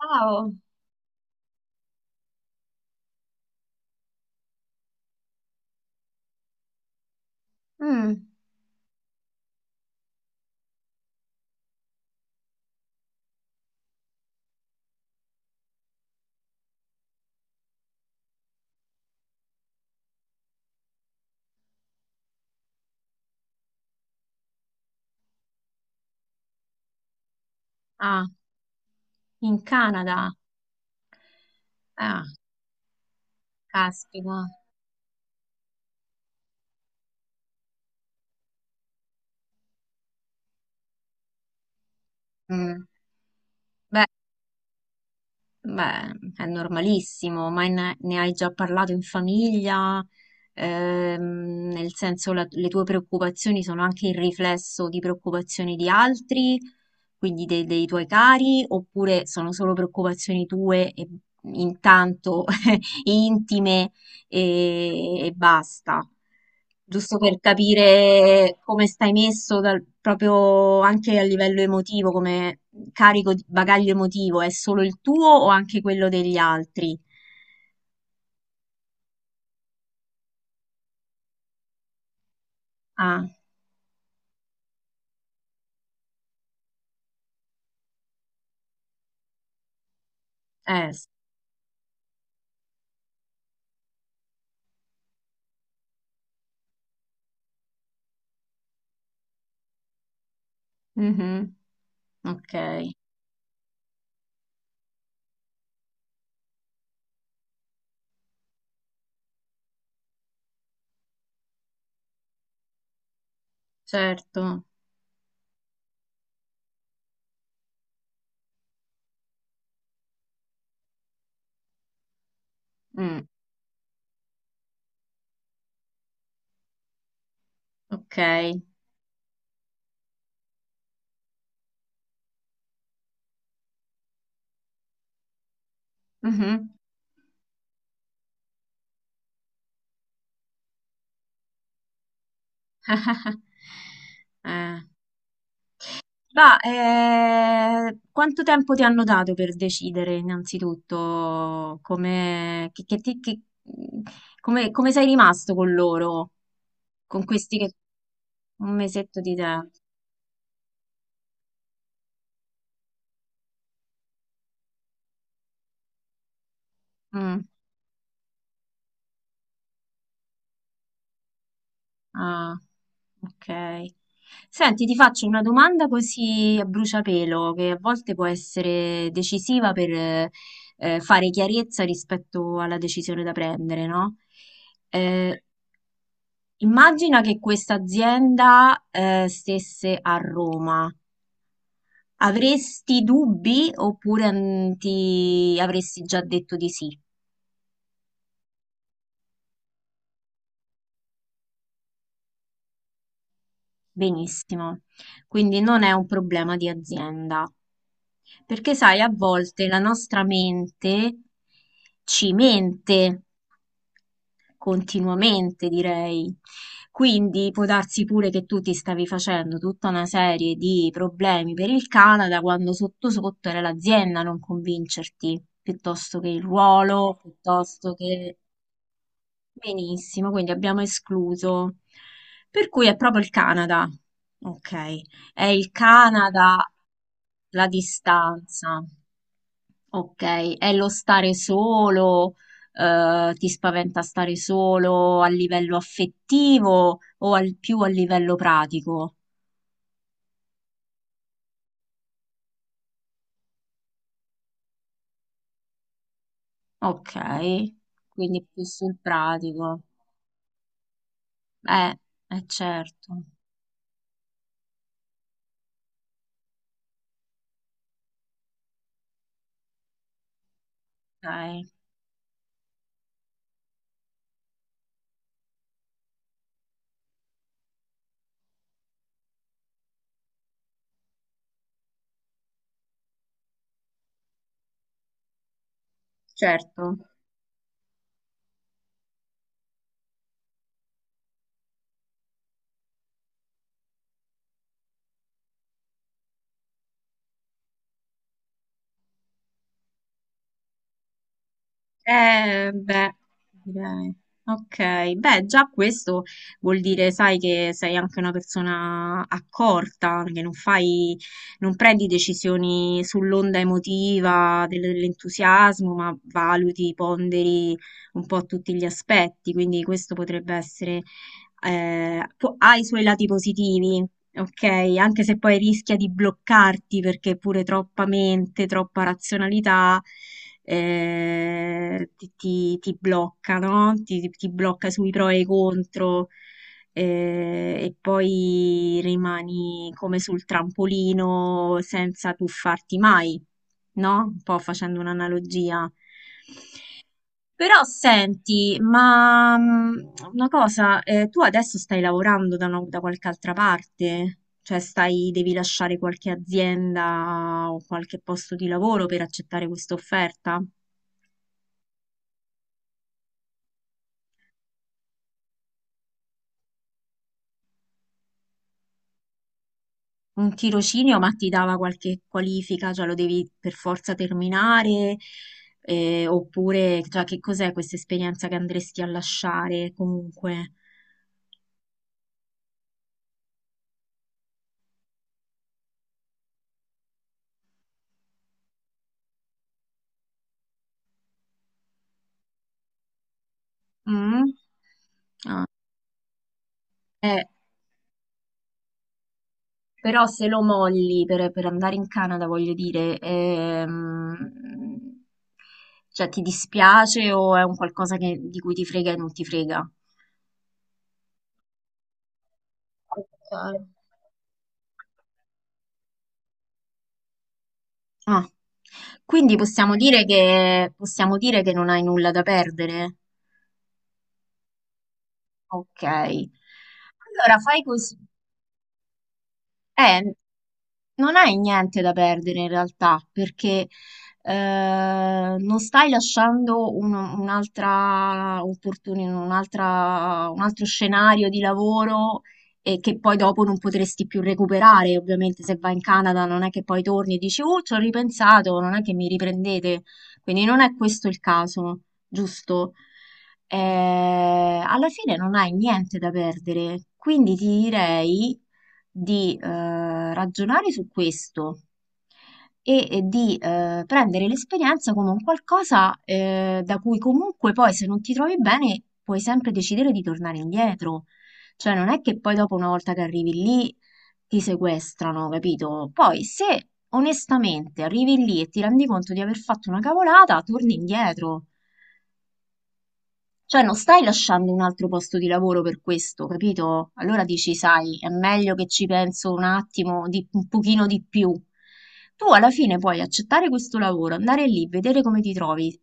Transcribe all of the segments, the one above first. Wow. Mm. Ah, in Canada. Ah, caspita. Mm. Beh, beh, è normalissimo, ma ne hai già parlato in famiglia? Nel senso le tue preoccupazioni sono anche il riflesso di preoccupazioni di altri, quindi dei tuoi cari, oppure sono solo preoccupazioni tue e intanto intime e basta. Giusto per capire come stai messo proprio anche a livello emotivo, come carico di bagaglio emotivo, è solo il tuo o anche quello degli altri? Ah, eh, s- mhm, ok, certo, mm, ok, mhm. Eh. Ma quanto tempo ti hanno dato per decidere innanzitutto come, come sei rimasto con loro? Con questi che... Un mesetto di tempo. Mm, ah, ok. Senti, ti faccio una domanda così a bruciapelo, che a volte può essere decisiva per fare chiarezza rispetto alla decisione da prendere, no? Eh, immagina che questa azienda stesse a Roma. Avresti dubbi oppure mm, ti avresti già detto di sì? Benissimo. Quindi non è un problema di azienda. Perché sai, a volte la nostra mente ci mente, continuamente, direi. Quindi può darsi pure che tu ti stavi facendo tutta una serie di problemi per il Canada quando sotto sotto era l'azienda a non convincerti, piuttosto che il ruolo, piuttosto che... Benissimo, quindi abbiamo escluso. Per cui è proprio il Canada. Ok, è il Canada, la distanza. Ok, è lo stare solo. Ti spaventa stare solo a livello affettivo o più a livello pratico? Ok, quindi più sul pratico. Eh, eh certo, ok, certo. Beh, direi. Ok, beh, già questo vuol dire, sai, che sei anche una persona accorta, che non prendi decisioni sull'onda emotiva dell'entusiasmo, ma valuti, ponderi un po' tutti gli aspetti, quindi questo potrebbe essere ha i suoi lati positivi, ok? Anche se poi rischia di bloccarti perché pure troppa mente, troppa razionalità ti blocca, no? Ti blocca sui pro e i contro. Eh, e poi rimani come sul trampolino senza tuffarti mai, no? Un po' facendo un'analogia. Però senti, ma mm, una cosa, tu adesso stai lavorando da qualche altra parte? Cioè stai, devi lasciare qualche azienda o qualche posto di lavoro per accettare questa offerta? Un tirocinio, ma ti dava qualche qualifica, cioè lo devi per forza terminare? Oppure, cioè, che cos'è questa esperienza che andresti a lasciare comunque? Mm? Ah, eh, però se lo molli per andare in Canada, voglio dire, cioè ti dispiace o è un qualcosa di cui ti frega e non ti frega? Ok. Ah, quindi possiamo dire che non hai nulla da perdere? Ok. Allora fai così. Eh, Non hai niente da perdere in realtà, perché non stai lasciando un'altra opportunità, un altro scenario di lavoro e che poi dopo non potresti più recuperare. Ovviamente se vai in Canada non è che poi torni e dici, oh, ci ho ripensato, non è che mi riprendete. Quindi non è questo il caso, giusto? Eh, alla fine non hai niente da perdere, quindi ti direi di ragionare su questo e di prendere l'esperienza come un qualcosa da cui comunque poi se non ti trovi bene puoi sempre decidere di tornare indietro. Cioè non è che poi dopo una volta che arrivi lì ti sequestrano, capito? Poi se onestamente arrivi lì e ti rendi conto di aver fatto una cavolata, torni indietro. Cioè non stai lasciando un altro posto di lavoro per questo, capito? Allora dici, sai, è meglio che ci penso un attimo, un pochino di più. Tu alla fine puoi accettare questo lavoro, andare lì, vedere come ti trovi,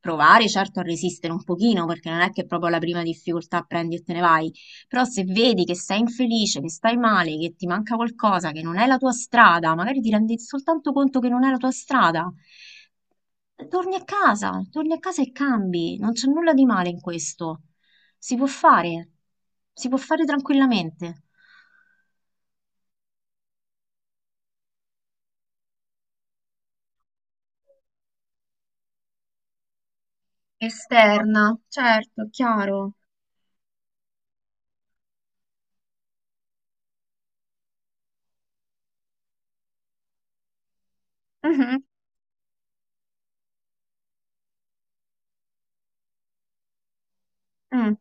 provare certo a resistere un pochino, perché non è che proprio alla prima difficoltà prendi e te ne vai, però se vedi che sei infelice, che stai male, che ti manca qualcosa, che non è la tua strada, magari ti rendi soltanto conto che non è la tua strada. Torni a casa e cambi, non c'è nulla di male in questo. Si può fare, si può fare tranquillamente. Esterna, certo, chiaro. Mhm, mm.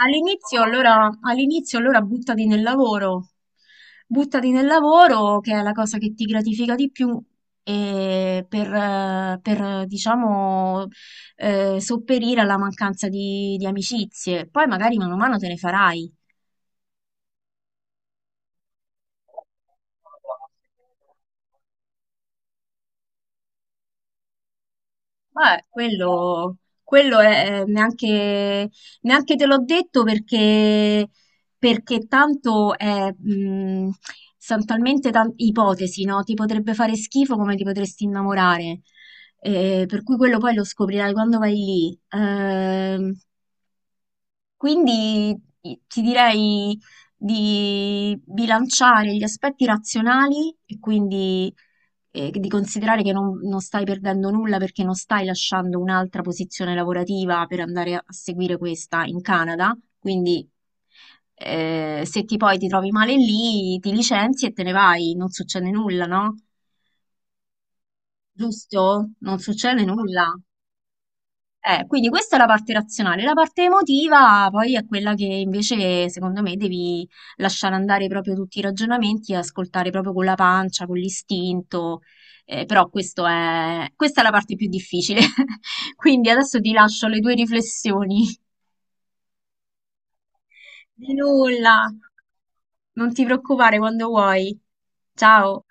All'inizio allora buttati nel lavoro che è la cosa che ti gratifica di più e diciamo sopperire alla mancanza di amicizie. Poi magari mano a mano te ne farai. Ma quello neanche, neanche te l'ho detto perché, perché tanto è, sono talmente tante ipotesi, no? Ti potrebbe fare schifo come ti potresti innamorare. Per cui quello poi lo scoprirai quando vai lì. Quindi ti direi di bilanciare gli aspetti razionali e quindi di considerare che non stai perdendo nulla perché non stai lasciando un'altra posizione lavorativa per andare a seguire questa in Canada. Quindi se ti poi ti trovi male lì, ti licenzi e te ne vai, non succede nulla, no? Giusto? Non succede nulla. Quindi questa è la parte razionale, la parte emotiva poi è quella che invece secondo me devi lasciare andare proprio tutti i ragionamenti e ascoltare proprio con la pancia, con l'istinto, però questo è... questa è la parte più difficile. Quindi adesso ti lascio le tue riflessioni. Di nulla, non ti preoccupare quando vuoi. Ciao.